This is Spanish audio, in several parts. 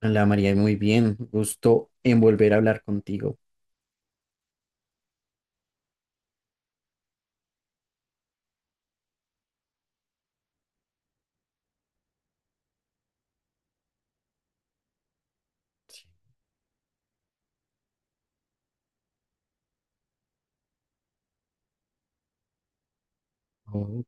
Hola María, muy bien. Gusto en volver a hablar contigo. Oh,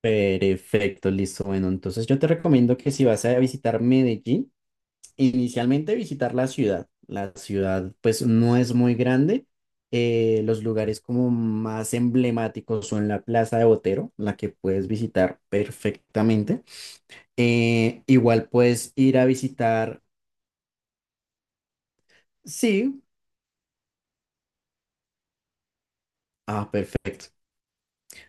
perfecto, listo. Bueno, entonces yo te recomiendo que si vas a visitar Medellín, inicialmente visitar la ciudad. La ciudad pues no es muy grande. Los lugares como más emblemáticos son la Plaza de Botero, la que puedes visitar perfectamente. Igual puedes ir a visitar, sí, ah, perfecto.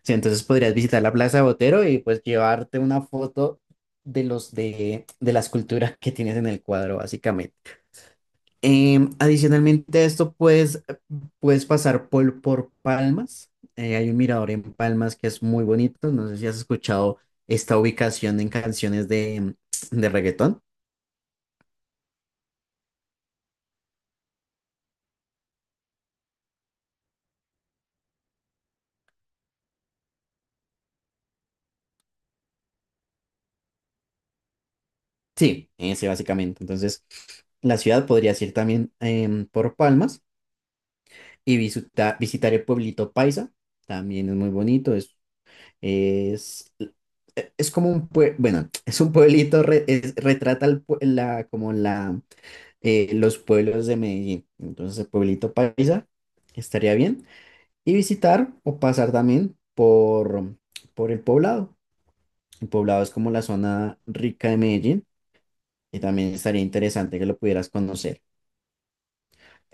Sí, entonces podrías visitar la Plaza de Botero y pues llevarte una foto de las culturas que tienes en el cuadro, básicamente. Adicionalmente a esto, pues puedes pasar por Palmas. Hay un mirador en Palmas que es muy bonito. No sé si has escuchado esta ubicación en canciones de reggaetón. Sí, ese básicamente. Entonces, la ciudad podrías ir también por Palmas y visitar el pueblito Paisa. También es muy bonito. Es, e- es como un pue- Bueno, es un pueblito, retrata el pue- la, como la, los pueblos de Medellín. Entonces, el pueblito paisa estaría bien. Y visitar o pasar también por el poblado. El poblado es como la zona rica de Medellín y también estaría interesante que lo pudieras conocer.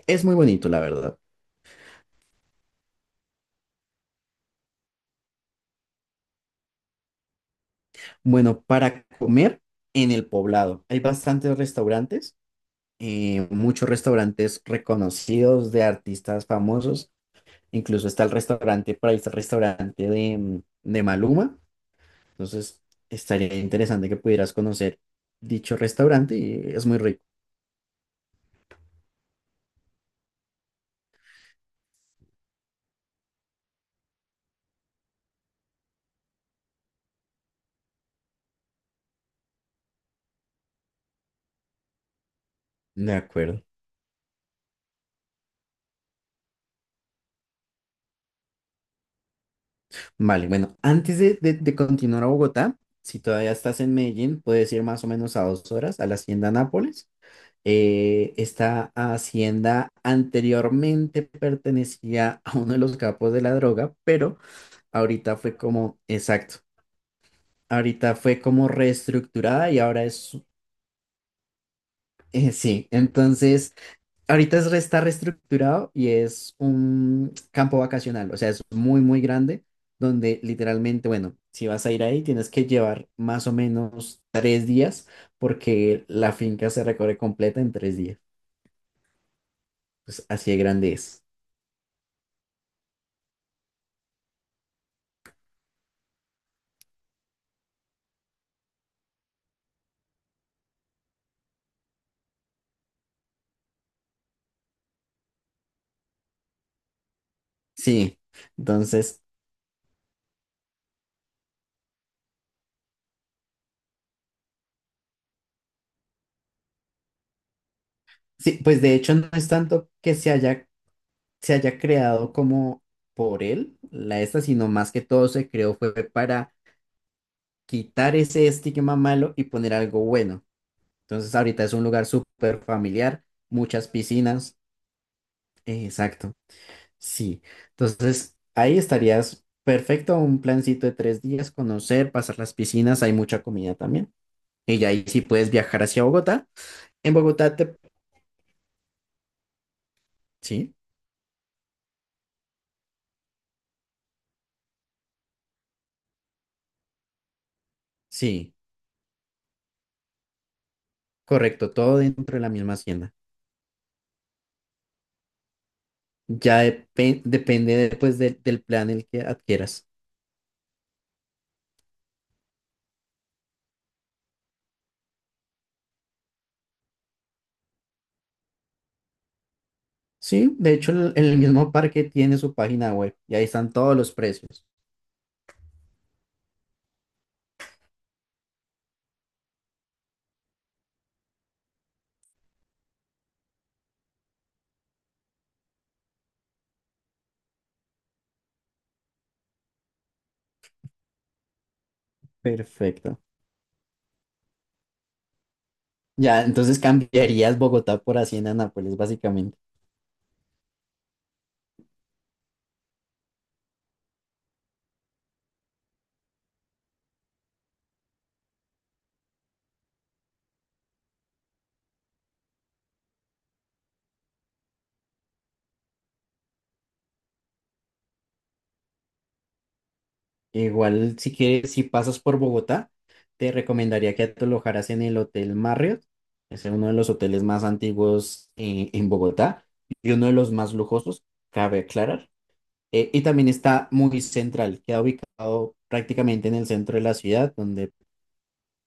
Es muy bonito, la verdad. Bueno, para comer en el poblado hay bastantes restaurantes. Muchos restaurantes reconocidos de artistas famosos. Incluso está el restaurante, por ahí está el restaurante de Maluma. Entonces, estaría interesante que pudieras conocer dicho restaurante y es muy rico. De acuerdo. Vale, bueno, antes de continuar a Bogotá, si todavía estás en Medellín, puedes ir más o menos a 2 horas a la Hacienda Nápoles. Esta hacienda anteriormente pertenecía a uno de los capos de la droga, pero ahorita fue como, exacto, ahorita fue como reestructurada y ahora es, sí, entonces, está reestructurado y es un campo vacacional, o sea, es muy, muy grande, donde literalmente, bueno, si vas a ir ahí, tienes que llevar más o menos 3 días, porque la finca se recorre completa en 3 días, pues así de grande es. Sí, entonces, sí, pues de hecho no es tanto que se haya creado como por él, la esta, sino más que todo se creó fue para quitar ese estigma malo y poner algo bueno. Entonces ahorita es un lugar súper familiar, muchas piscinas, exacto, sí. Entonces ahí estarías perfecto, un plancito de 3 días, conocer, pasar las piscinas, hay mucha comida también. Y ya ahí sí puedes viajar hacia Bogotá. En Bogotá te... Sí, sí, correcto, todo dentro de la misma hacienda. Ya depende de, pues, del plan el que adquieras. Sí, de hecho el mismo parque tiene su página web y ahí están todos los precios. Perfecto. Ya, entonces cambiarías Bogotá por Hacienda Nápoles, básicamente. Igual si quieres, si pasas por Bogotá, te recomendaría que te alojaras en el Hotel Marriott. Es uno de los hoteles más antiguos en Bogotá y uno de los más lujosos, cabe aclarar. Y también está muy central, queda ubicado prácticamente en el centro de la ciudad, donde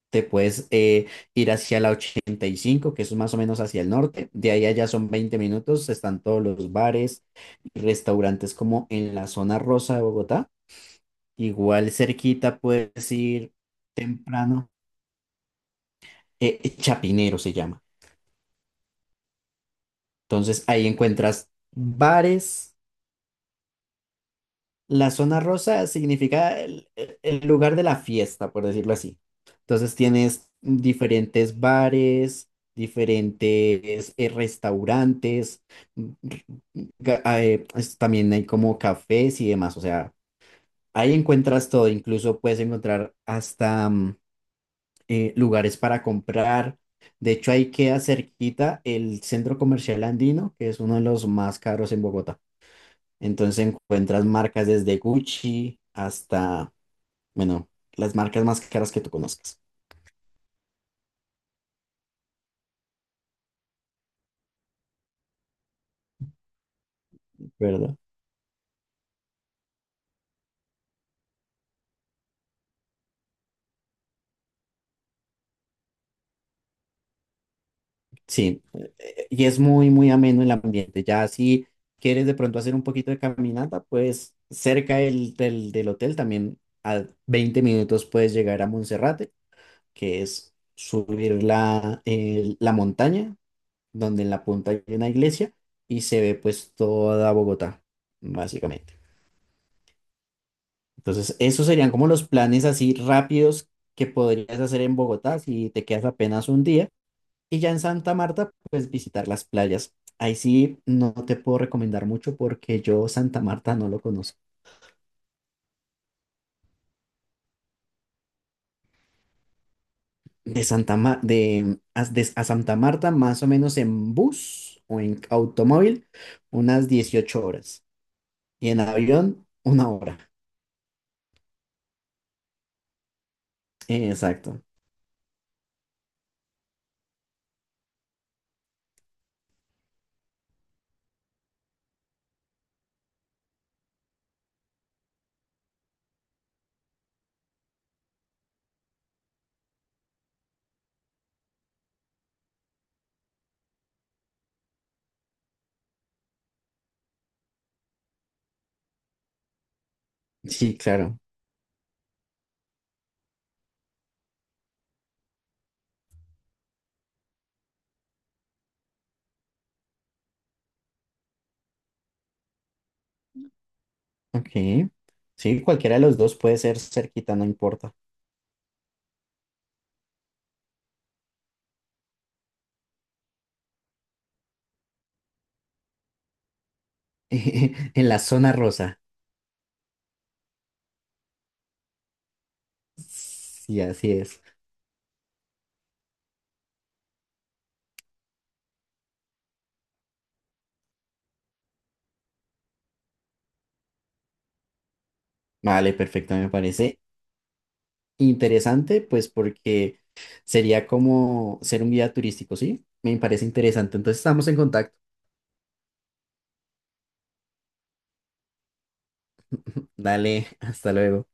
te puedes ir hacia la 85 que es más o menos hacia el norte. De ahí allá son 20 minutos, están todos los bares y restaurantes como en la zona rosa de Bogotá. Igual cerquita puedes ir temprano, Chapinero se llama. Entonces ahí encuentras bares. La zona rosa significa el lugar de la fiesta, por decirlo así. Entonces tienes diferentes bares, diferentes restaurantes, mm, también hay como cafés y demás. O sea, ahí encuentras todo. Incluso puedes encontrar hasta lugares para comprar. De hecho, ahí queda cerquita el centro comercial andino, que es uno de los más caros en Bogotá. Entonces encuentras marcas desde Gucci hasta, bueno, las marcas más caras que tú conozcas, ¿verdad? Sí, y es muy, muy ameno el ambiente. Ya si quieres de pronto hacer un poquito de caminata, pues cerca del hotel también a 20 minutos puedes llegar a Monserrate, que es subir la montaña, donde en la punta hay una iglesia y se ve pues toda Bogotá, básicamente. Entonces, esos serían como los planes así rápidos que podrías hacer en Bogotá si te quedas apenas un día. Y ya en Santa Marta, pues visitar las playas. Ahí sí no te puedo recomendar mucho porque yo Santa Marta no lo conozco. De Santa Ma- de- a Santa Marta, más o menos en bus o en automóvil, unas 18 horas. Y en avión, 1 hora. Exacto. Sí, claro. Ok. Sí, cualquiera de los dos puede ser cerquita, no importa. En la zona rosa. Sí, así es. Vale, perfecto, me parece interesante, pues porque sería como ser un guía turístico, ¿sí? Me parece interesante. Entonces estamos en contacto. Dale, hasta luego.